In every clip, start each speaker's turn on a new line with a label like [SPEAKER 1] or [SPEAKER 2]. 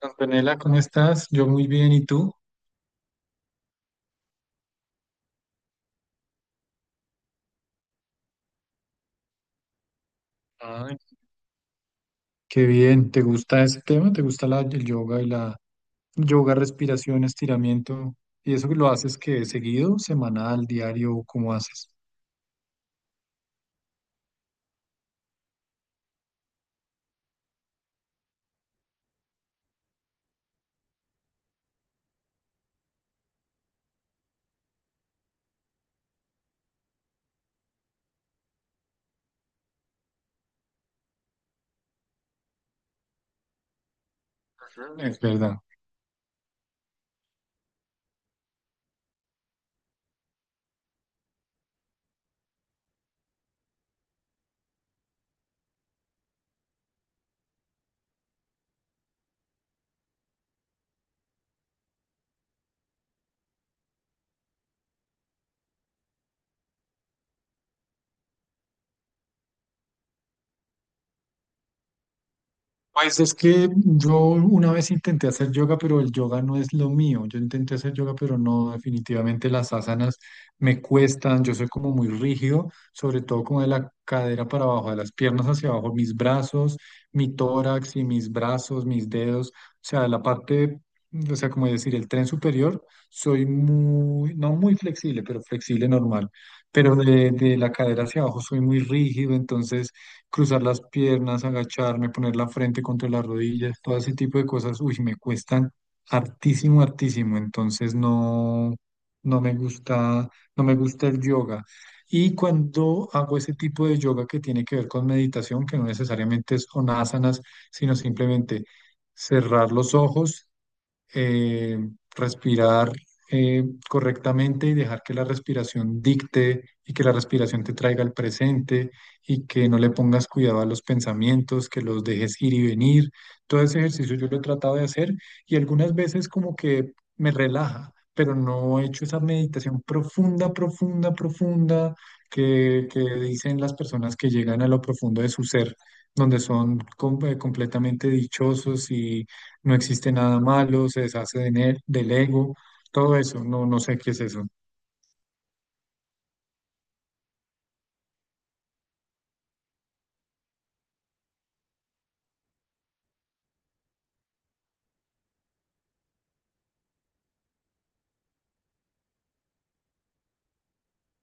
[SPEAKER 1] Antonella, ¿cómo estás? Yo muy bien, ¿y tú? Ay, qué bien, ¿te gusta ese tema? ¿Te gusta el yoga y la yoga, respiración, estiramiento? ¿Y eso lo haces que seguido, semanal, diario, cómo haces? Es verdad. Pues es que yo una vez intenté hacer yoga, pero el yoga no es lo mío. Yo intenté hacer yoga, pero no, definitivamente las asanas me cuestan. Yo soy como muy rígido, sobre todo como de la cadera para abajo, de las piernas hacia abajo, mis brazos, mi tórax y mis brazos, mis dedos, o sea, la parte, o sea, como decir, el tren superior, soy muy, no muy flexible, pero flexible normal. Pero de la cadera hacia abajo soy muy rígido, entonces cruzar las piernas, agacharme, poner la frente contra las rodillas, todo ese tipo de cosas, uy, me cuestan hartísimo, hartísimo, entonces no, no me gusta, no me gusta el yoga. Y cuando hago ese tipo de yoga que tiene que ver con meditación, que no necesariamente son asanas, sino simplemente cerrar los ojos, eh, respirar eh, correctamente y dejar que la respiración dicte y que la respiración te traiga al presente y que no le pongas cuidado a los pensamientos, que los dejes ir y venir. Todo ese ejercicio yo lo he tratado de hacer y algunas veces como que me relaja, pero no he hecho esa meditación profunda, profunda, profunda que dicen las personas que llegan a lo profundo de su ser, donde son completamente dichosos, no existe nada malo, se deshace de del ego, todo eso, no, no sé qué es eso.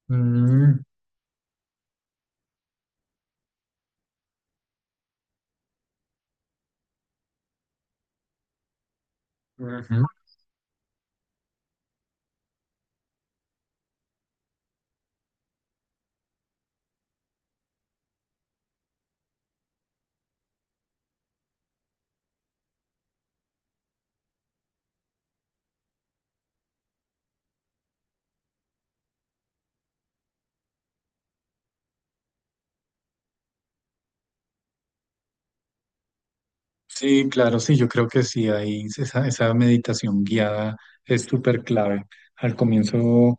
[SPEAKER 1] Mm, ujú. Sí, claro, sí, yo creo que sí, ahí esa, esa meditación guiada es súper clave. Al comienzo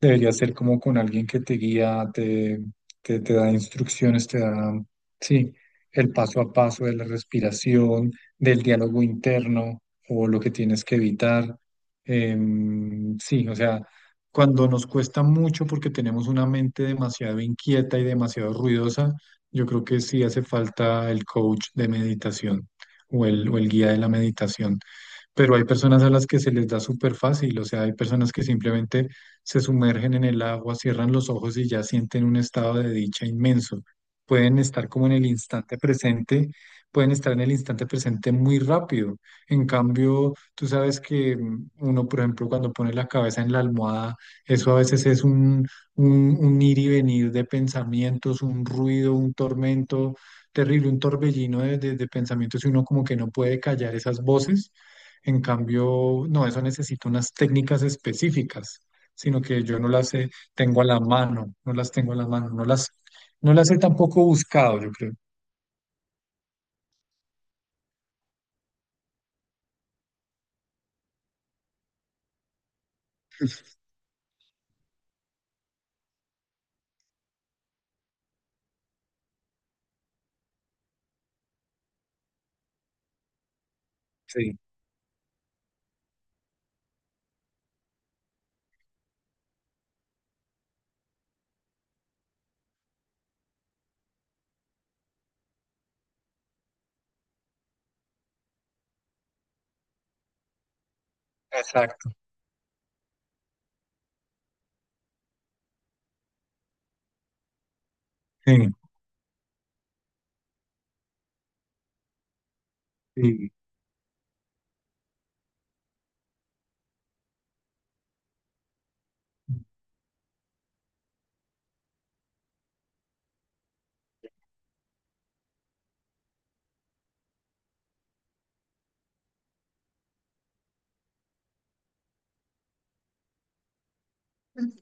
[SPEAKER 1] debería ser como con alguien que te guía, te, te da instrucciones, te da, sí, el paso a paso de la respiración, del diálogo interno o lo que tienes que evitar. Sí, o sea, cuando nos cuesta mucho porque tenemos una mente demasiado inquieta y demasiado ruidosa, yo creo que sí hace falta el coach de meditación o o el guía de la meditación, pero hay personas a las que se les da súper fácil, o sea, hay personas que simplemente se sumergen en el agua, cierran los ojos y ya sienten un estado de dicha inmenso. Pueden estar como en el instante presente, pueden estar en el instante presente muy rápido. En cambio, tú sabes que mm, uno, por ejemplo, cuando pone la cabeza en la almohada, eso a veces es un, un ir y venir de pensamientos, un ruido, un tormento terrible, un torbellino de pensamientos y uno como que no puede callar esas voces. En cambio, no, eso necesita unas técnicas específicas, sino que yo no las tengo a la mano, no las tengo a la mano, no las, no las he tampoco buscado, yo creo. Sí, exacto. Sí, sí,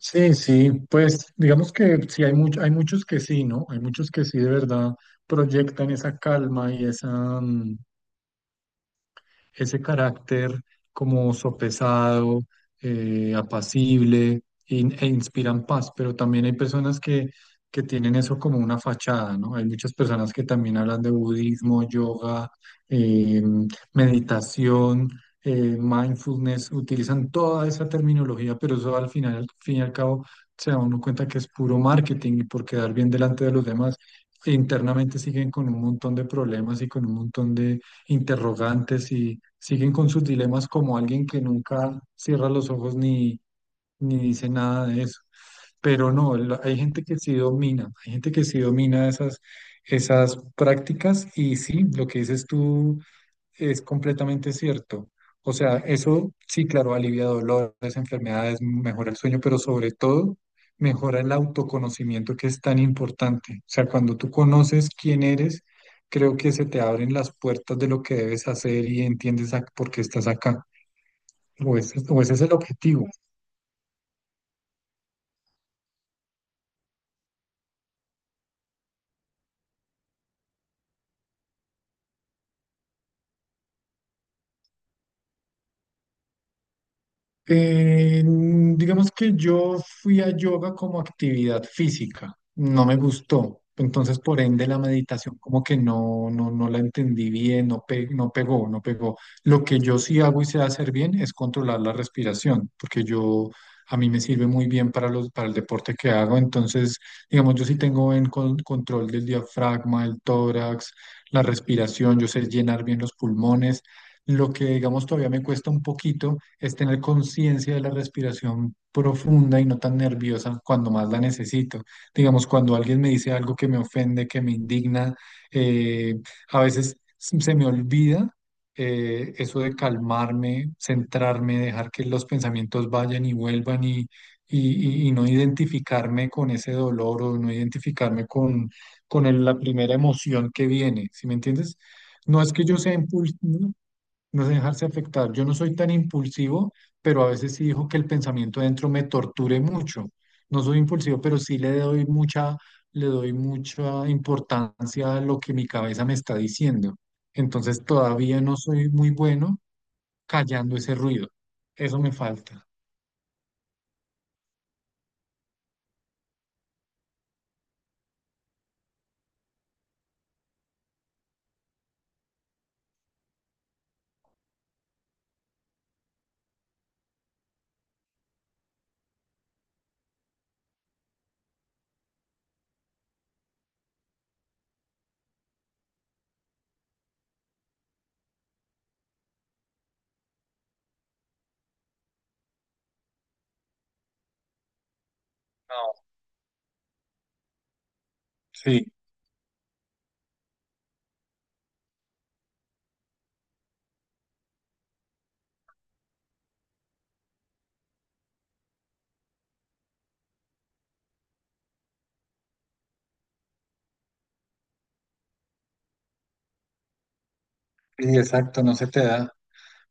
[SPEAKER 1] sí, sí, pues digamos que sí, hay hay muchos que sí, ¿no? Hay muchos que sí de verdad proyectan esa calma y esa, mm, ese carácter como sopesado, apacible e inspiran paz, pero también hay personas que tienen eso como una fachada, ¿no? Hay muchas personas que también hablan de budismo, yoga, eh, meditación, mindfulness, utilizan toda esa terminología, pero eso al final, al fin y al cabo, se da uno cuenta que es puro marketing y por quedar bien delante de los demás. Internamente siguen con un montón de problemas y con un montón de, interrogantes y siguen con sus dilemas como alguien que nunca cierra los ojos ni, ni dice nada de eso. Pero no, hay gente que sí domina, hay gente que sí domina esas, esas prácticas y sí, lo que dices tú es completamente cierto. O sea, eso sí, claro, alivia dolores, enfermedades, mejora el sueño, pero sobre todo mejora el autoconocimiento que es tan importante. O sea, cuando tú conoces quién eres, creo que se te abren las puertas de lo que debes hacer y entiendes por qué estás acá. O ese es el objetivo. Digamos que yo fui a yoga como actividad física, no me gustó, entonces por ende la meditación como que no, no, no la entendí bien, no, no pegó, no pegó. Lo que yo sí hago y sé hacer bien es controlar la respiración, porque yo a mí me sirve muy bien para los, para el deporte que hago, entonces digamos yo sí tengo control del diafragma, el tórax, la respiración, yo sé llenar bien los pulmones. Lo que, digamos, todavía me cuesta un poquito es tener conciencia de la respiración profunda y no tan nerviosa cuando más la necesito. Digamos, cuando alguien me dice algo que me ofende, que me indigna, eh, a veces se me olvida eso de calmarme, centrarme, dejar que los pensamientos vayan y vuelvan y no identificarme con ese dolor o no identificarme con la primera emoción que viene, ¿sí me entiendes? No es que yo sea impulsivo, no sé dejarse afectar. Yo no soy tan impulsivo, pero a veces sí dijo que el pensamiento dentro me torture mucho. No soy impulsivo, pero sí le doy mucha importancia a lo que mi cabeza me está diciendo. Entonces todavía no soy muy bueno callando ese ruido. Eso me falta. No. Sí, sí, exacto, no se te da.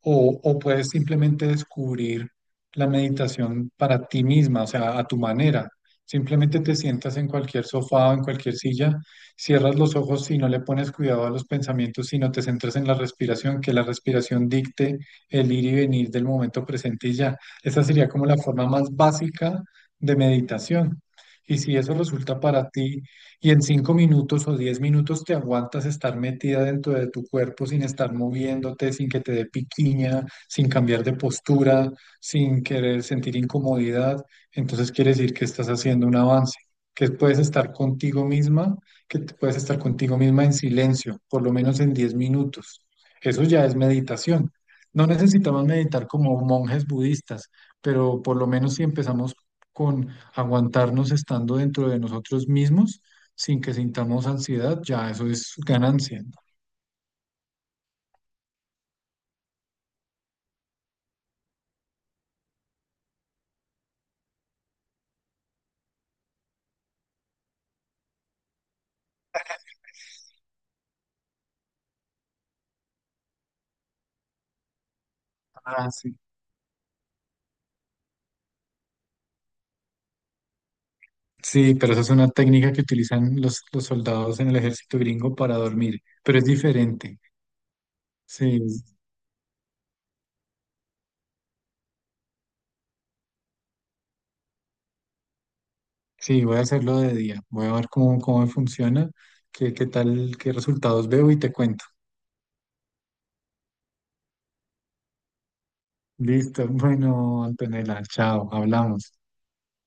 [SPEAKER 1] O, o puedes simplemente descubrir la meditación para ti misma, o sea, a tu manera. Simplemente te sientas en cualquier sofá o en cualquier silla, cierras los ojos y no le pones cuidado a los pensamientos, sino te centras en la respiración, que la respiración dicte el ir y venir del momento presente y ya. Esa sería como la forma más básica de meditación. Y si eso resulta para ti y en 5 minutos o 10 minutos te aguantas estar metida dentro de tu cuerpo sin estar moviéndote, sin que te dé piquiña, sin cambiar de postura, sin querer sentir incomodidad, entonces quiere decir que estás haciendo un avance, que puedes estar contigo misma, que puedes estar contigo misma en silencio, por lo menos en 10 minutos. Eso ya es meditación. No necesitamos meditar como monjes budistas, pero por lo menos si empezamos con aguantarnos estando dentro de nosotros mismos, sin que sintamos ansiedad, ya eso es ganancia, ¿no? Ah, sí. Sí, pero esa es una técnica que utilizan los soldados en el ejército gringo para dormir, pero es diferente. Sí, sí, voy a hacerlo de día, voy a ver cómo, cómo me funciona, qué, qué tal, qué resultados veo y te cuento. Listo, bueno, Antonella, chao, hablamos.